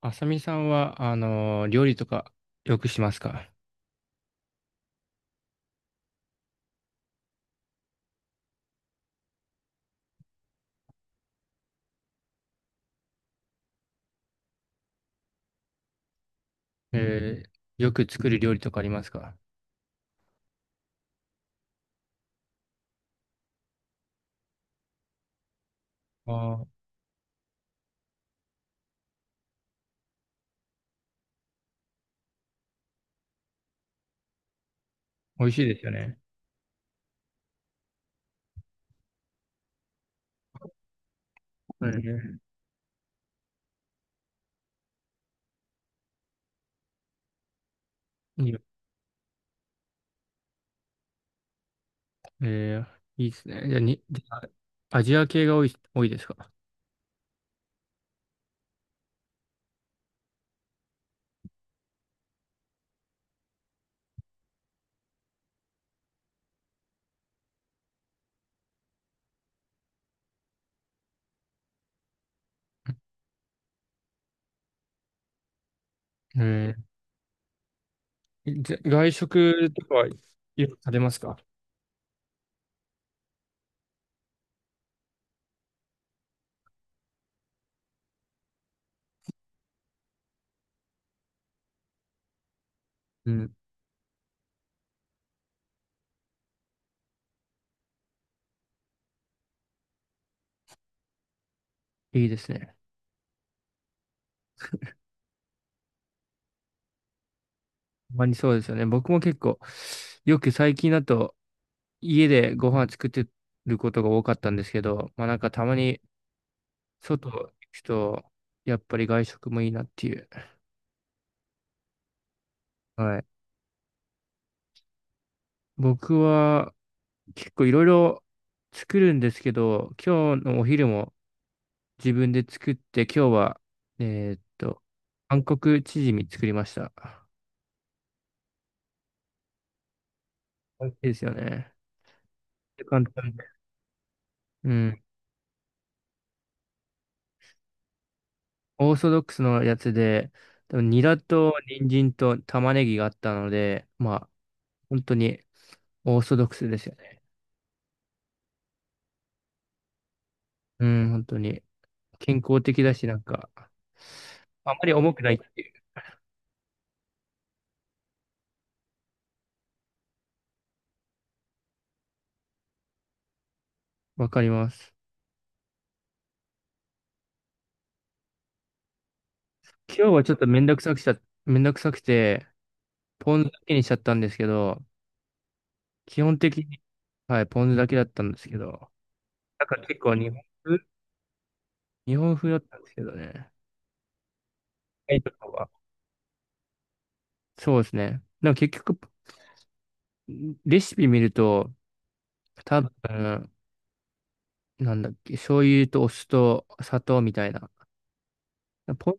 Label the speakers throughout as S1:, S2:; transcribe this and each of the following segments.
S1: あさみさんは、料理とかよくしますか？えーよく作る料理とかありますか？ああー、美味しいですよね。えーいいよえーいいですね。じゃあ、じゃあアジア系が多いですか？えじゃ外食とかはよく食べますか？うん、いいですね。ほんまにそうですよね。僕も結構、よく最近だと家でご飯作ってることが多かったんですけど、まあなんかたまに外行くと、やっぱり外食もいいなっていう。はい。僕は結構いろいろ作るんですけど、今日のお昼も自分で作って、今日は、えーっと、韓国チヂミ作りました。いいですよね。簡単で。うん。オーソドックスのやつで、多分ニラと人参と玉ねぎがあったので、まあ、本当にオーソドックスですよね。うん、本当に。健康的だし、なんか、あんまり重くないっていう。わかります。今日はちょっとめんどくさくしちゃ、めんどくさくて、ポン酢だけにしちゃったんですけど、基本的に、はい、ポン酢だけだったんですけど、なんか結構日本風だったんですけどね。はい、とかは。そうですね。でも結局、レシピ見ると、多分、なんだっけ、醤油とお酢と砂糖みたいな。ポン、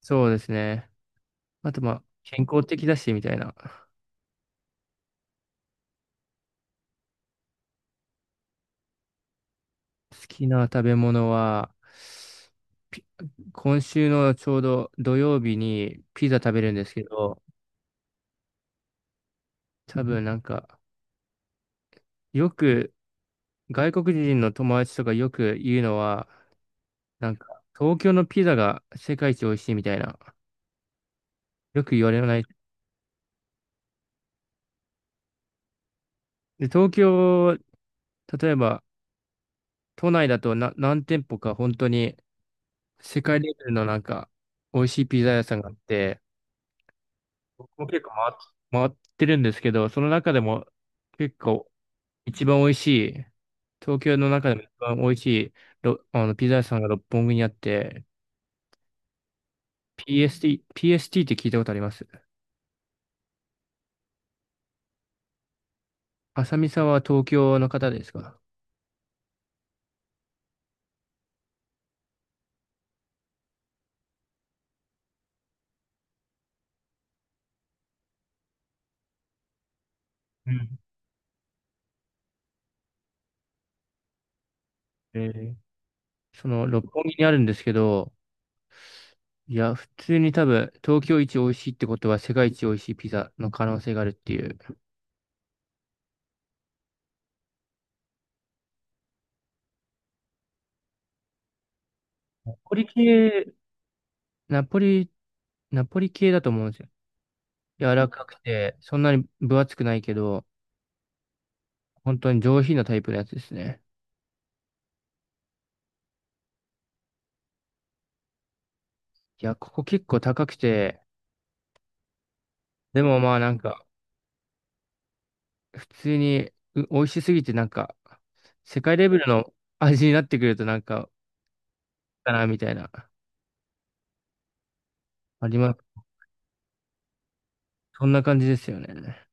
S1: そうですね。あとまあ、健康的だし、みたいな。好きな食べ物は、ピ今週のちょうど土曜日にピザ食べるんですけど、多分なんか、よく外国人の友達とかよく言うのは、なんか、東京のピザが世界一美味しいみたいな、よく言われない。で、東京、例えば都内だと何店舗か本当に世界レベルのなんか、美味しいピザ屋さんがあって、僕も結構回ってるんですけど、その中でも結構一番美味しい、東京の中でも一番美味しいろあのピザ屋さんが六本木にあって、PST って聞いたことあります？浅見さんは東京の方ですか？うん。えーその六本木にあるんですけど、いや、普通に多分東京一美味しいってことは世界一美味しいピザの可能性があるっていう。ナポリ系、ナポリ、ナポリ系だと思うんですよ。柔らかくて、そんなに分厚くないけど、本当に上品なタイプのやつですね。いや、ここ結構高くて、でもまあなんか、普通に美味しすぎてなんか、世界レベルの味になってくるとなんか、かなみたいな、あります。そんな感じですよね。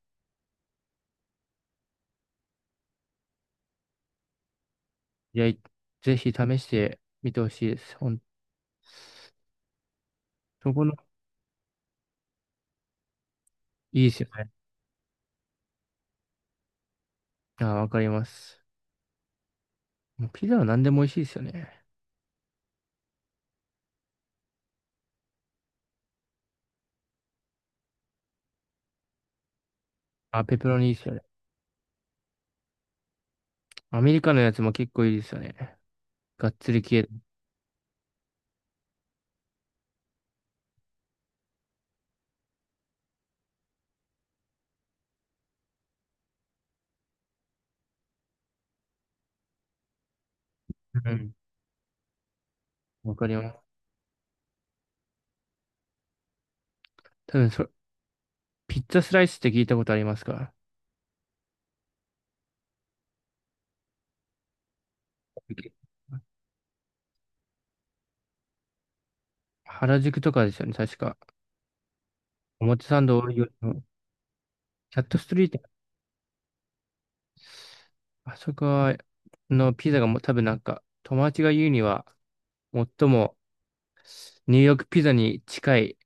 S1: いや、いぜひ試してみてほしいです。ほん、そこの、いいですよね。ああ、わかります。もうピザは何でも美味しいですよね。あ、ペペロニいいですよね。アメリカのやつも結構いいですよね。がっつり系。うん。わかります。多分そ、ピッツァスライスって聞いたことありますか？原宿とかですよね、確か。表参道、キャットストリート、あそこはピザがもう多分なんか、友達が言うには、最もニューヨークピザに近い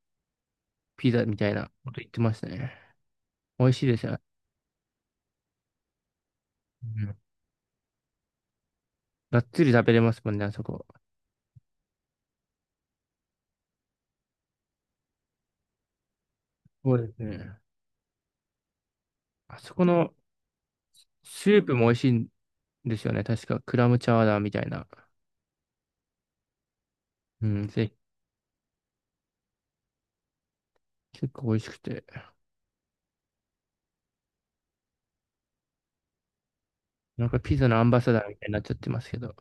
S1: ピザみたいなこと言ってましたね。美味しいですよ。うん、がっつり食べれますもんね、あそこ。そうですね。あそこのスープも美味しいんですよね。確かクラムチャウダーみたいな。うん、ぜ結構美味しくて。なんかピザのアンバサダーみたいになっちゃってますけど、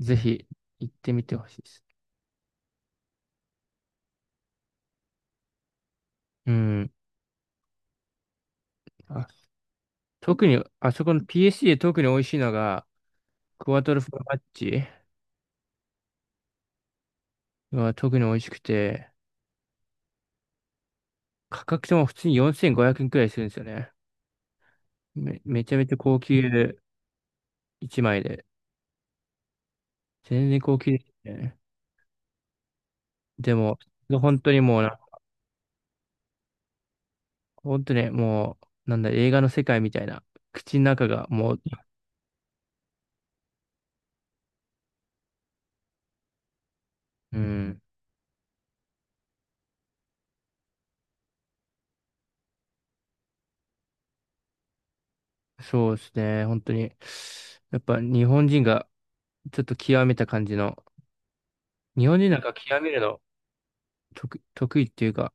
S1: ぜひ行ってみてほしいです。うん。あ特に、あそこの PSC で特に美味しいのが、クワトロフォルマッジは特に美味しくて、価格とも普通に4500円くえんくらいするんですよね。めめちゃめちゃ高級1枚で。全然高級ですね。でも、本当にもうな、本当にねもう、なんだ、映画の世界みたいな。口の中がもう、うん、そうですね。本当に。やっぱ日本人がちょっと極めた感じの、日本人なんか極めるの得意っていうか、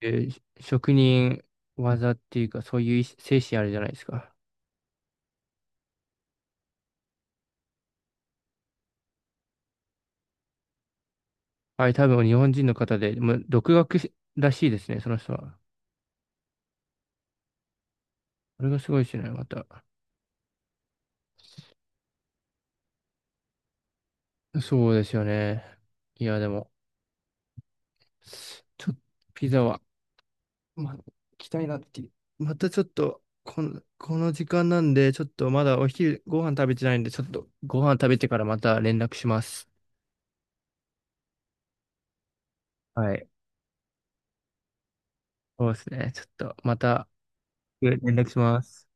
S1: 職人技っていうか、そういう精神あるじゃないですか。はい、多分日本人の方で、もう独学らしいですね、その人は。これがすごいですね、また。そうですよね。いや、でも、ちょっとピザは、まあ、行きたいなっていう。またちょっと、この、この時間なんで、ちょっとまだお昼ご飯食べてないんで、ちょっとご飯食べてからまた連絡します。はい。そうですね。ちょっとまた連絡します。